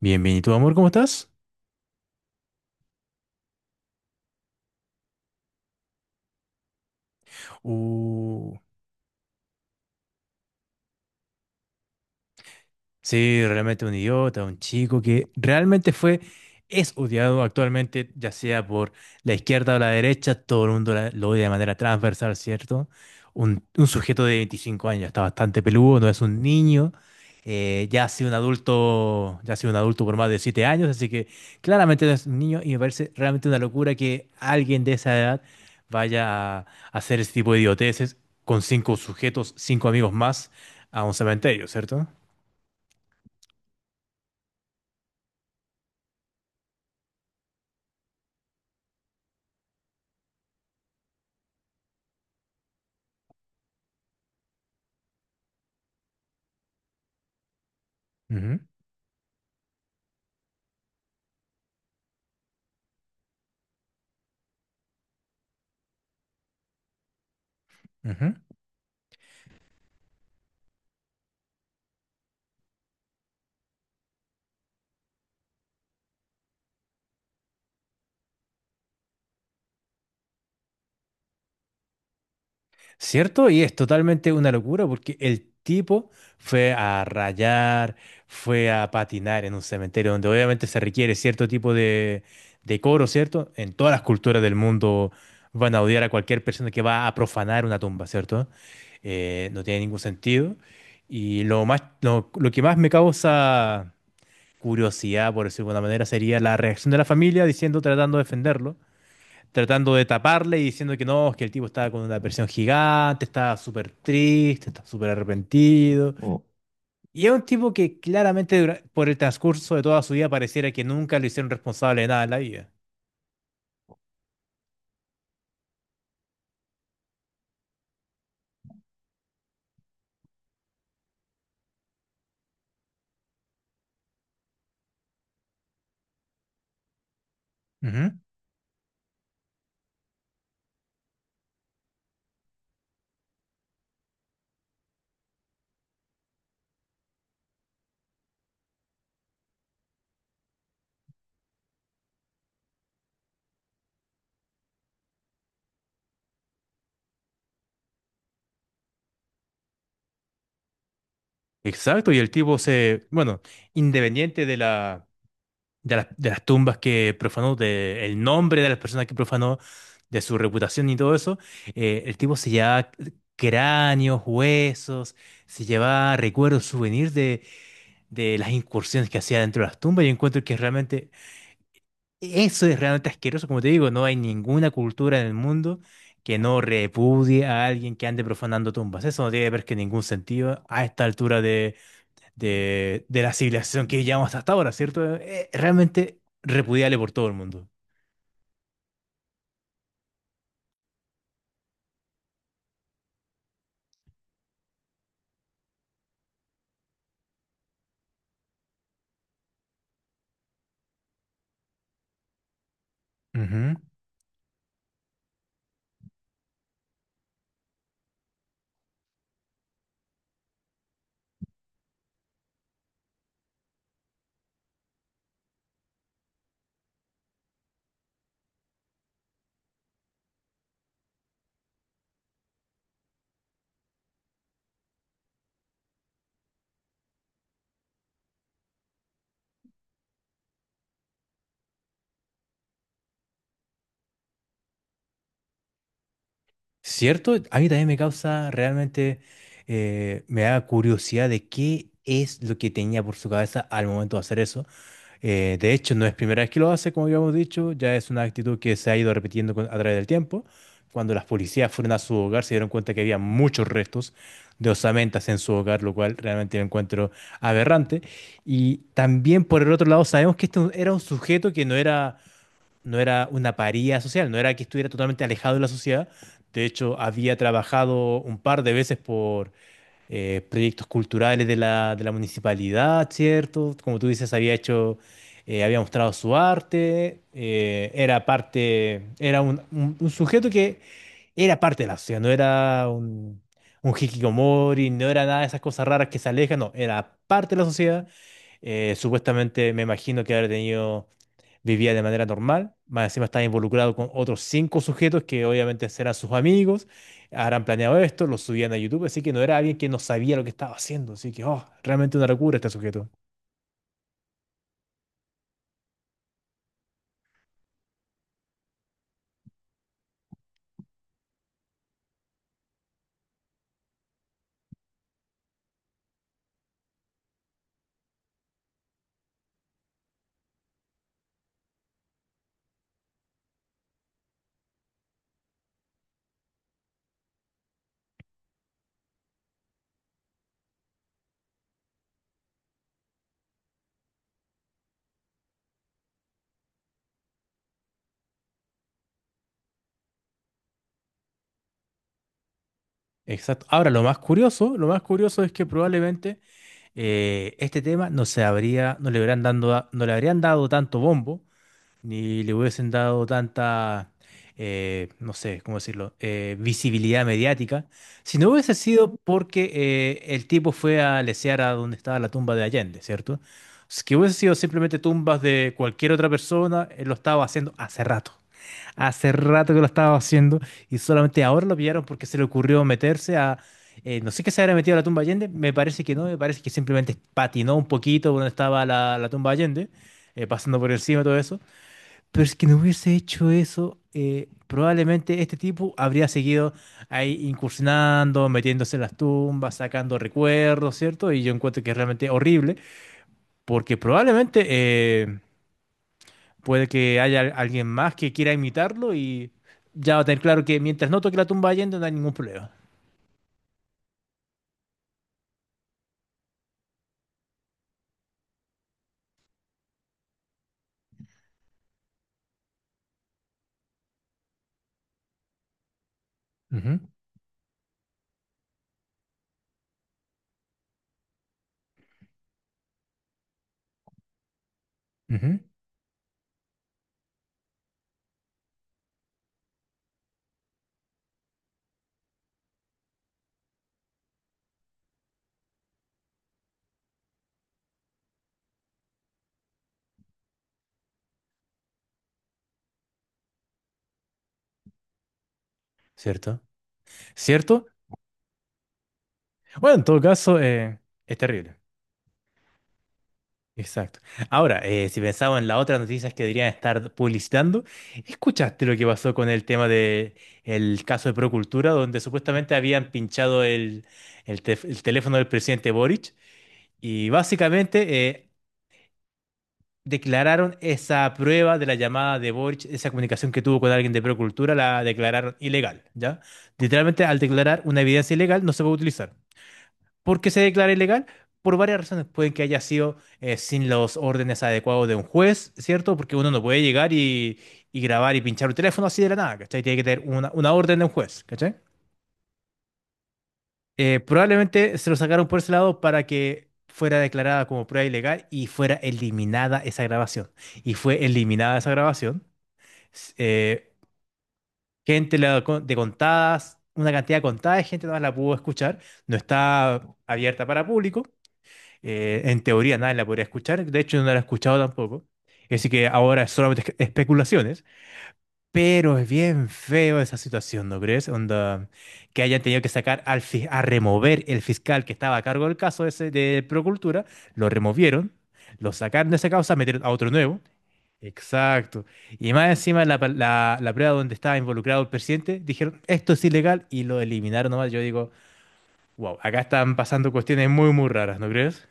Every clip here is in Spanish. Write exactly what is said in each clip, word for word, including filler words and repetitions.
Bien, bien. ¿Y tú, amor, cómo estás? Uh, Sí, realmente un idiota, un chico que realmente fue, es odiado actualmente, ya sea por la izquierda o la derecha, todo el mundo la- lo odia de manera transversal, ¿cierto? Un, un sujeto de veinticinco años, está bastante peludo, no es un niño. Eh, ya ha sido un adulto, ya ha sido un adulto por más de siete años, así que claramente no es un niño y me parece realmente una locura que alguien de esa edad vaya a hacer ese tipo de idioteces con cinco sujetos, cinco amigos más a un cementerio, cierto. Ujú. ¿Cierto? Y es totalmente una locura porque el tipo fue a rayar, fue a patinar en un cementerio donde obviamente se requiere cierto tipo de decoro, ¿cierto? En todas las culturas del mundo van a odiar a cualquier persona que va a profanar una tumba, ¿cierto? Eh, no tiene ningún sentido. Y lo más, lo, lo que más me causa curiosidad, por decirlo de alguna manera, sería la reacción de la familia diciendo, tratando de defenderlo, tratando de taparle y diciendo que no, es que el tipo estaba con una depresión gigante, estaba súper triste, estaba súper arrepentido. Oh. Y es un tipo que claramente dura- por el transcurso de toda su vida pareciera que nunca lo hicieron responsable de nada en la vida. Ujú. Exacto, y el tipo se, bueno, independiente de la, de las, de las tumbas que profanó, de el nombre de las personas que profanó, de su reputación y todo eso, eh, el tipo se llevaba cráneos, huesos, se llevaba recuerdos, souvenirs de de las incursiones que hacía dentro de las tumbas. Yo encuentro que realmente eso es realmente asqueroso. Como te digo, no hay ninguna cultura en el mundo que no repudie a alguien que ande profanando tumbas. Eso no tiene ver que ningún sentido a esta altura de, de, de la civilización que llevamos hasta ahora, ¿cierto? Eh, realmente repudiable por todo el mundo. Ujú. ¿Cierto? A mí también me causa realmente, eh, me da curiosidad de qué es lo que tenía por su cabeza al momento de hacer eso. Eh, de hecho, no es primera vez que lo hace, como habíamos dicho. Ya es una actitud que se ha ido repitiendo con- a través del tiempo. Cuando las policías fueron a su hogar, se dieron cuenta que había muchos restos de osamentas en su hogar, lo cual realmente lo encuentro aberrante. Y también, por el otro lado, sabemos que este era un sujeto que no era, no era una paría social, no era que estuviera totalmente alejado de la sociedad. De hecho, había trabajado un par de veces eh, proyectos culturales de la, de la municipalidad, ¿cierto? Como tú dices, había hecho, eh, había mostrado su arte. Eh, era parte, era un, un- un sujeto que era parte de la sociedad, no era un, un hikikomori, no era nada de esas cosas raras que se alejan. No, era parte de la sociedad. Eh, supuestamente me imagino que habrá tenido, vivía de manera normal. Más encima estaba involucrado con otros cinco sujetos que obviamente serán sus amigos, habrán planeado esto, lo subían a YouTube, así que no era alguien que no sabía lo que estaba haciendo, así que, oh, realmente una locura este sujeto. Exacto. Ahora, lo más curioso, lo más curioso es que probablemente eh, este tema no se habría, no le habrían dando, no le habrían dado tanto bombo ni le hubiesen dado tanta, eh, no sé, ¿cómo decirlo?, eh, visibilidad mediática, si no hubiese sido porque eh, el tipo fue a lesear a donde estaba la tumba de Allende, ¿cierto? Si que hubiese sido simplemente tumbas de cualquier otra persona, él lo estaba haciendo hace rato. Hace rato que lo estaba haciendo y solamente ahora lo pillaron porque se le ocurrió meterse a... eh, no sé qué se habría metido a la tumba de Allende. Me parece que no, me parece que simplemente patinó un poquito por donde estaba la, la tumba de Allende, eh, pasando por encima de todo eso. Pero es que no hubiese hecho eso, eh, probablemente este tipo habría seguido ahí incursionando, metiéndose en las tumbas, sacando recuerdos, ¿cierto? Y yo encuentro que es realmente horrible, porque probablemente eh, puede que haya al- alguien más que quiera imitarlo y ya va a tener claro que mientras no toque la tumba yendo no hay ningún problema. Ujú, ujú. ¿Cierto? ¿Cierto? Bueno, en todo caso, eh, es terrible. Exacto. Ahora, eh, si pensamos en las otras noticias que deberían estar publicitando, ¿escuchaste lo que pasó con el tema de el caso de Procultura, donde supuestamente habían pinchado el, el tef- el teléfono del presidente Boric y básicamente eh, declararon esa prueba de la llamada de Boric, esa comunicación que tuvo con alguien de Procultura, la declararon ilegal, ¿ya? Literalmente, al declarar una evidencia ilegal, no se puede utilizar. ¿Por qué se declara ilegal? Por varias razones. Puede que haya sido eh, sin los órdenes adecuados de un juez, ¿cierto? Porque uno no puede llegar y, y grabar y pinchar un teléfono así de la nada, ¿cachai? Tiene que tener una, una orden de un juez, ¿cachai? Eh, probablemente se lo sacaron por ese lado para que fuera declarada como prueba ilegal y fuera eliminada esa grabación. Y fue eliminada esa grabación. S- eh, gente la con- de Contadas, una cantidad contada de gente nada más la pudo escuchar. No está abierta para público. Eh, en teoría nadie la podría escuchar. De hecho no la he escuchado tampoco. Así que ahora es solamente espe- especulaciones, pero es bien feo esa situación, ¿no crees? Onda, que hayan tenido que sacar al fi- a remover el fiscal que estaba a cargo del caso ese de Procultura, lo removieron, lo sacaron de esa causa, metieron a otro nuevo. Exacto. Y más encima la, pa- la, la prueba donde estaba involucrado el presidente, dijeron, esto es ilegal y lo eliminaron nomás. Yo digo, wow, acá están pasando cuestiones muy, muy raras, ¿no crees?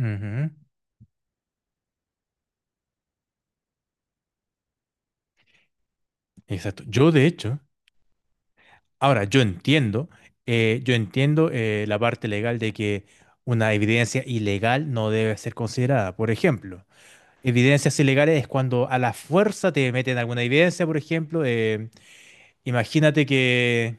Ujú. Exacto. Yo, de hecho, ahora yo entiendo, eh, yo entiendo eh, la parte legal de que una evidencia ilegal no debe ser considerada. Por ejemplo, evidencias ilegales es cuando a la fuerza te meten alguna evidencia, por ejemplo, eh, imagínate que,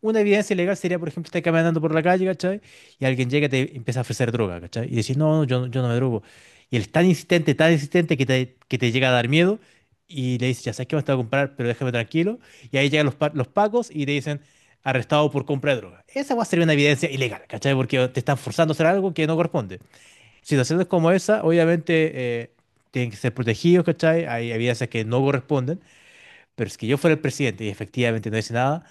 una evidencia legal sería, por ejemplo, estar caminando por la calle, ¿cachai? Y alguien llega y te empieza a ofrecer droga, ¿cachai? Y decís, no, no, yo, no- yo no me drogo. Y él es tan insistente, tan insistente que te, que te llega a dar miedo y le dices, ya sabes que me te voy a comprar, pero déjame tranquilo. Y ahí llegan los, pa- los pacos y te dicen, arrestado por compra de droga. Esa va a ser una evidencia ilegal, ¿cachai? Porque te están forzando a hacer algo que no corresponde. Situaciones como esa, obviamente, eh, tienen que ser protegidos, ¿cachai? Hay evidencias que no corresponden, pero es que yo fuera el presidente y efectivamente no hice nada,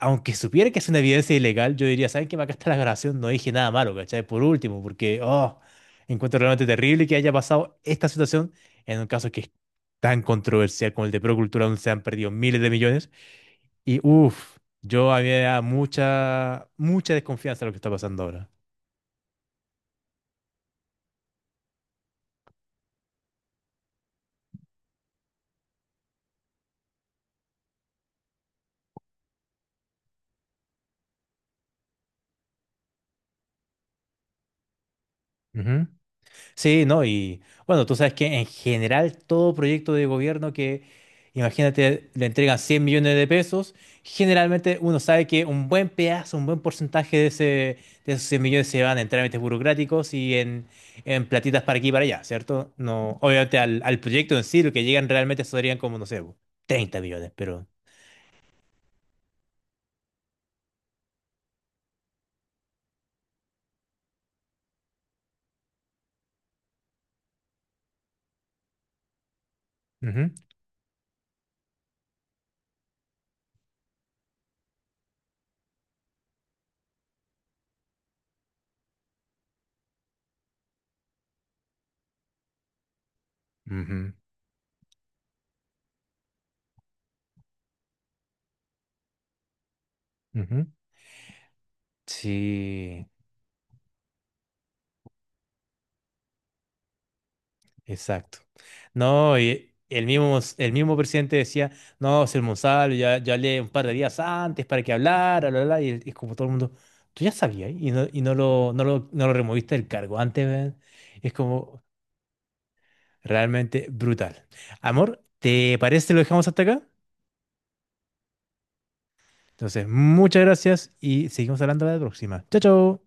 aunque supiera que es una evidencia ilegal, yo diría, ¿saben qué? Acá está la grabación, no dije nada malo, ¿cachai? Por último, porque, oh, encuentro realmente terrible que haya pasado esta situación en un caso que es tan controversial como el de Procultura, donde se han perdido miles de millones. Y, uff, yo había mucha, mucha desconfianza de lo que está pasando ahora. Sí, ¿no? Y bueno, tú sabes que en general todo proyecto de gobierno que, imagínate, le entregan cien millones de pesos, generalmente uno sabe que un buen pedazo, un buen porcentaje de, ese, de esos cien millones se van en trámites burocráticos y en, en platitas para aquí y para allá, ¿cierto? No, obviamente al, al proyecto en sí, lo que llegan realmente serían como, no sé, treinta millones, pero... Ujú, ujú, ujú. Sí. Exacto. No, y el mismo, el mismo presidente decía, no, ser Monsalvo, ya, ya hablé un par de días antes para que hablara, bla, bla, bla", y, el- y como todo el mundo, tú ya sabías y no, y no lo, no lo, no lo removiste del cargo antes, weón". Es como realmente brutal. Amor, ¿te parece si lo dejamos hasta acá? Entonces, muchas gracias y seguimos hablando la próxima. Chao, chao.